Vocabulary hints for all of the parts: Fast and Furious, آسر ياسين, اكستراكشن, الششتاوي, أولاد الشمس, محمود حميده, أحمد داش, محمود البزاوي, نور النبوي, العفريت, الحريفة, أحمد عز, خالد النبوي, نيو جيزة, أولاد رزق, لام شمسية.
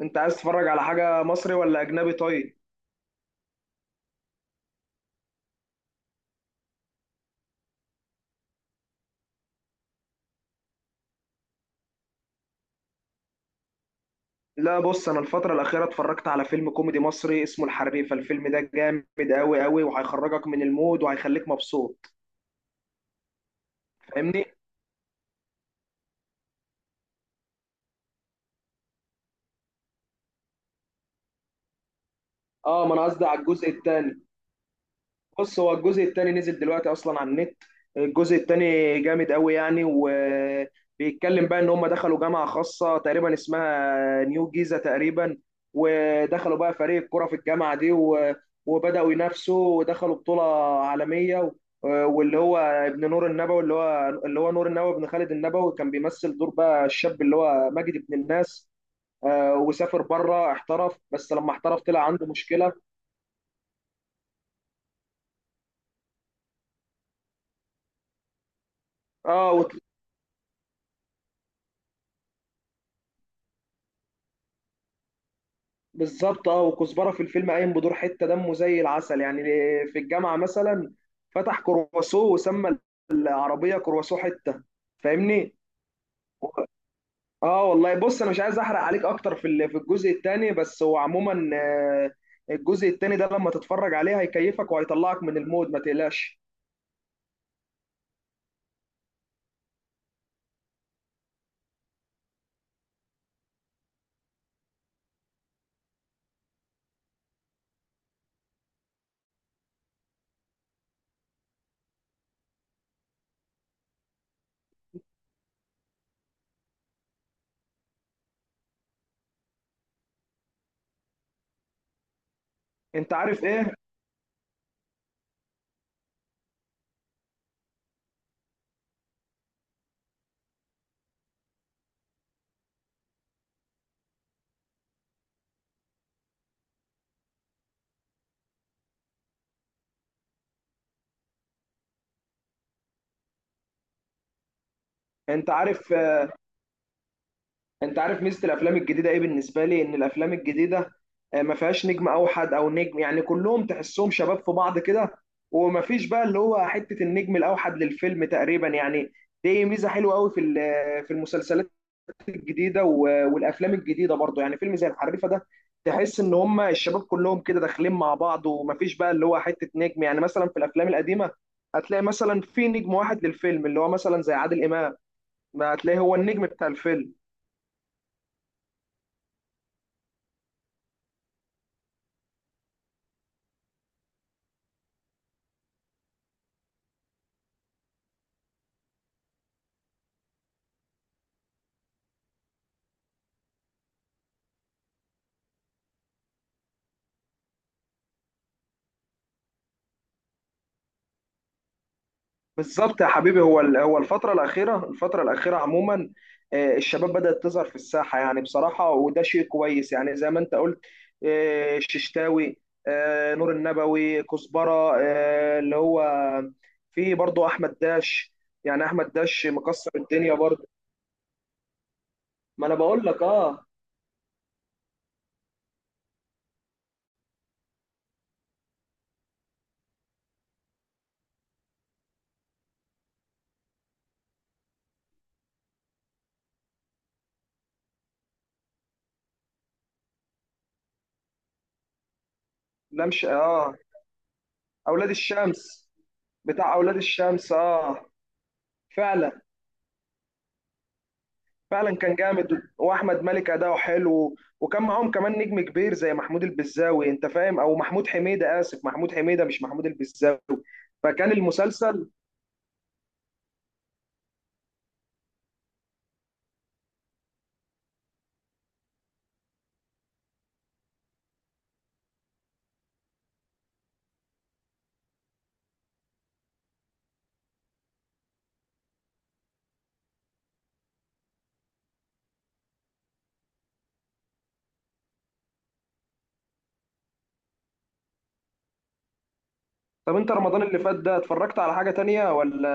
انت عايز تتفرج على حاجة مصري ولا اجنبي؟ طيب. لا، بص، انا الفترة الاخيرة اتفرجت على فيلم كوميدي مصري اسمه الحريفة. الفيلم ده جامد قوي قوي، وهيخرجك من المود وهيخليك مبسوط. فاهمني؟ اه، ما انا قصدي على الجزء الثاني. بص، هو الجزء التاني نزل دلوقتي اصلا على النت. الجزء التاني جامد قوي يعني، وبيتكلم بقى ان هم دخلوا جامعة خاصة تقريبا اسمها نيو جيزة تقريبا، ودخلوا بقى فريق كرة في الجامعة دي وبدأوا ينافسوا ودخلوا بطولة عالمية. واللي هو ابن نور النبوي اللي هو نور النبوي ابن خالد النبوي، كان بيمثل دور بقى الشاب اللي هو ماجد ابن الناس. وسافر بره احترف، بس لما احترف طلع عنده مشكلة. اه، بالظبط. اه، وكزبره في الفيلم قايم بدور حته دمه زي العسل يعني، في الجامعه مثلا فتح كرواسو، وسمى العربيه كرواسو حته. فاهمني؟ و- اه، والله، بص، انا مش عايز احرق عليك اكتر في الجزء الثاني، بس هو عموما الجزء الثاني ده لما تتفرج عليه هيكيفك وهيطلعك من المود، ما تقلقش. انت عارف ايه؟ انت عارف انت عارف ميزه الافلام الجديده ايه بالنسبه لي؟ ان الافلام الجديده ما فيهاش نجم اوحد او نجم، يعني كلهم تحسهم شباب في بعض كده، وما فيش بقى اللي هو حته النجم الاوحد للفيلم تقريبا يعني. دي ميزه حلوه قوي في المسلسلات الجديده والافلام الجديده برضه، يعني فيلم زي الحريفه ده، تحس ان هم الشباب كلهم كده داخلين مع بعض، وما فيش بقى اللي هو حته نجم. يعني مثلا في الافلام القديمه هتلاقي مثلا في نجم واحد للفيلم، اللي هو مثلا زي عادل امام، ما هتلاقي هو النجم بتاع الفيلم. بالظبط يا حبيبي. هو الفترة الأخيرة، الفترة الأخيرة عموما الشباب بدأت تظهر في الساحة يعني بصراحة، وده شيء كويس، يعني زي ما أنت قلت: الششتاوي، نور النبوي، كزبرة، اللي هو في برضه أحمد داش. يعني أحمد داش مكسر الدنيا برضه. ما أنا بقول لك أه. لا مش أولاد الشمس. بتاع أولاد الشمس أه. فعلا، فعلا كان جامد، واحمد مالك اداؤه حلو، وكان معاهم كمان نجم كبير زي محمود البزاوي، انت فاهم، او محمود حميده، اسف، محمود حميده مش محمود البزاوي. فكان المسلسل. طب، انت رمضان اللي فات ده اتفرجت على حاجه تانية ولا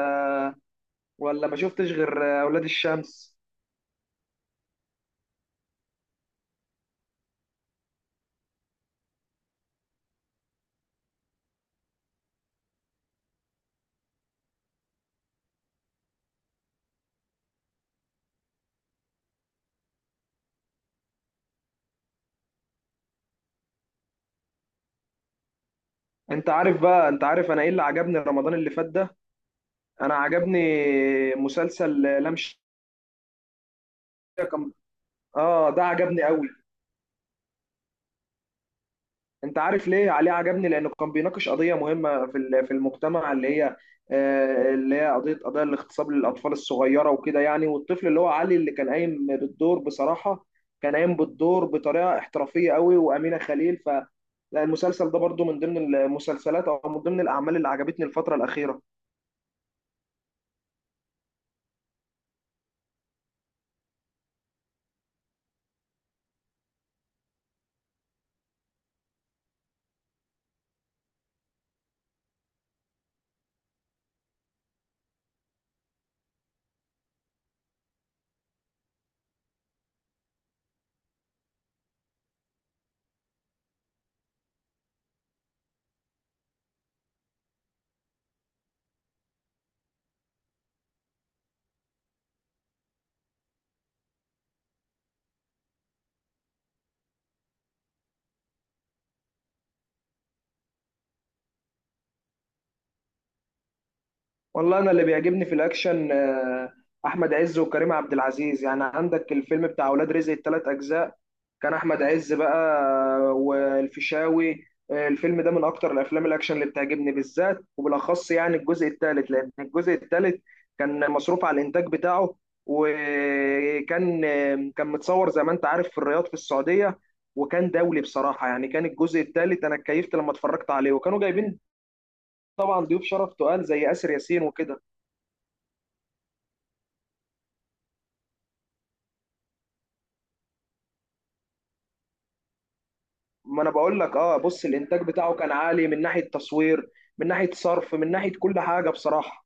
ولا ما شفتش غير اولاد الشمس؟ انت عارف انا ايه اللي عجبني رمضان اللي فات ده؟ انا عجبني مسلسل لام شمسية. كان اه ده عجبني قوي. انت عارف ليه عليه عجبني؟ لانه كان بيناقش قضيه مهمه في المجتمع، اللي هي اللي هي قضايا الاغتصاب للاطفال الصغيره وكده يعني. والطفل اللي هو علي اللي كان قايم بالدور، بصراحه كان قايم بالدور بطريقه احترافيه قوي، وامينه خليل لا، المسلسل ده برضو من ضمن المسلسلات، او من ضمن الاعمال اللي عجبتني الفتره الاخيره. والله انا اللي بيعجبني في الاكشن احمد عز وكريم عبد العزيز. يعني عندك الفيلم بتاع اولاد رزق الثلاث اجزاء. كان احمد عز بقى والفيشاوي. الفيلم ده من اكتر الافلام الاكشن اللي بتعجبني بالذات وبالاخص، يعني الجزء الثالث، لان الجزء الثالث كان مصروف على الانتاج بتاعه، وكان آه، كان متصور زي ما انت عارف في الرياض في السعودية، وكان دولي بصراحة. يعني كان الجزء الثالث انا اتكيفت لما اتفرجت عليه، وكانوا جايبين طبعا ضيوف شرف تقال زي آسر ياسين وكده. ما انا بقول لك، اه، بص، الانتاج بتاعه كان عالي من ناحيه تصوير، من ناحيه صرف، من ناحيه كل حاجه بصراحه.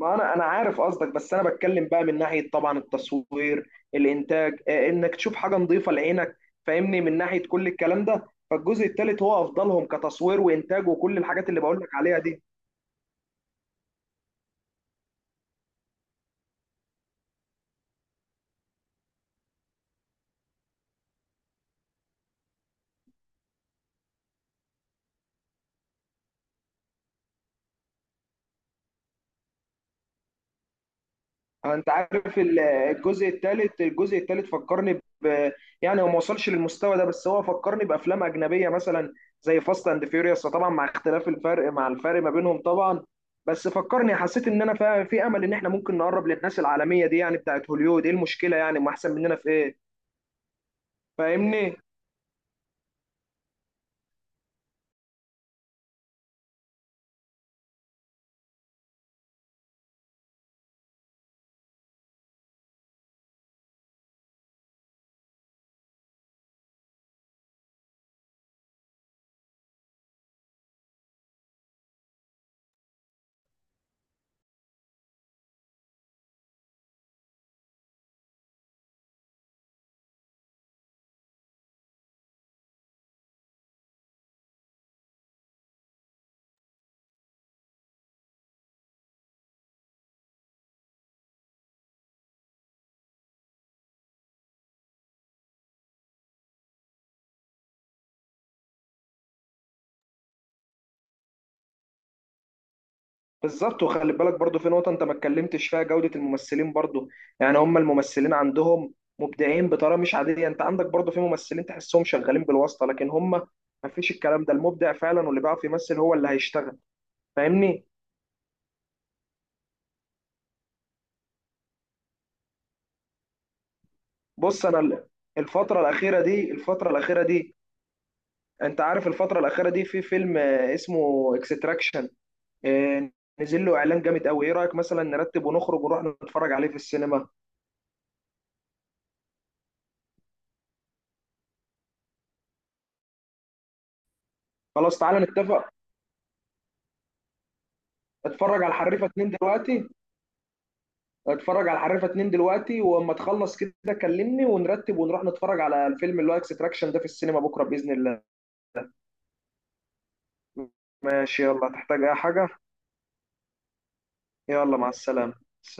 ما انا عارف قصدك، بس انا بتكلم بقى من ناحيه، طبعا، التصوير، الانتاج، انك تشوف حاجه نظيفه لعينك، فاهمني، من ناحيه كل الكلام ده. فالجزء الثالث هو افضلهم كتصوير وانتاج وكل الحاجات اللي بقول لك عليها دي. انت عارف الجزء الثالث، الجزء الثالث فكرني يعني هو ما وصلش للمستوى ده، بس هو فكرني بافلام اجنبيه مثلا زي فاست اند فيوريوس، طبعا مع اختلاف الفرق، مع الفرق ما بينهم طبعا. بس فكرني، حسيت ان انا في امل ان احنا ممكن نقرب للناس العالميه دي، يعني بتاعت هوليوود. ايه المشكله يعني؟ ما احسن مننا في ايه؟ فاهمني؟ بالظبط. وخلي بالك برضو في نقطة أنت ما اتكلمتش فيها: جودة الممثلين برضو. يعني هم الممثلين عندهم مبدعين بطريقة مش عادية. أنت عندك برضو في ممثلين تحسهم شغالين بالواسطة، لكن هم ما فيش الكلام ده، المبدع فعلا واللي بيعرف يمثل هو اللي هيشتغل. فاهمني؟ بص، الفترة الأخيرة دي، الفترة الأخيرة دي أنت عارف، الفترة الأخيرة دي في فيلم اسمه اكستراكشن، نزل له إعلان جامد أوي. إيه رأيك مثلا نرتب ونخرج ونروح نتفرج عليه في السينما؟ خلاص، تعالى نتفق. اتفرج على الحريفة اتنين دلوقتي اتفرج على حريفه 2 دلوقتي، واما تخلص كده كلمني، ونرتب ونروح نتفرج على الفيلم اللي هو اكستراكشن ده في السينما بكره باذن الله. ماشي. يلا، تحتاج اي حاجه؟ يلا، مع السلامه.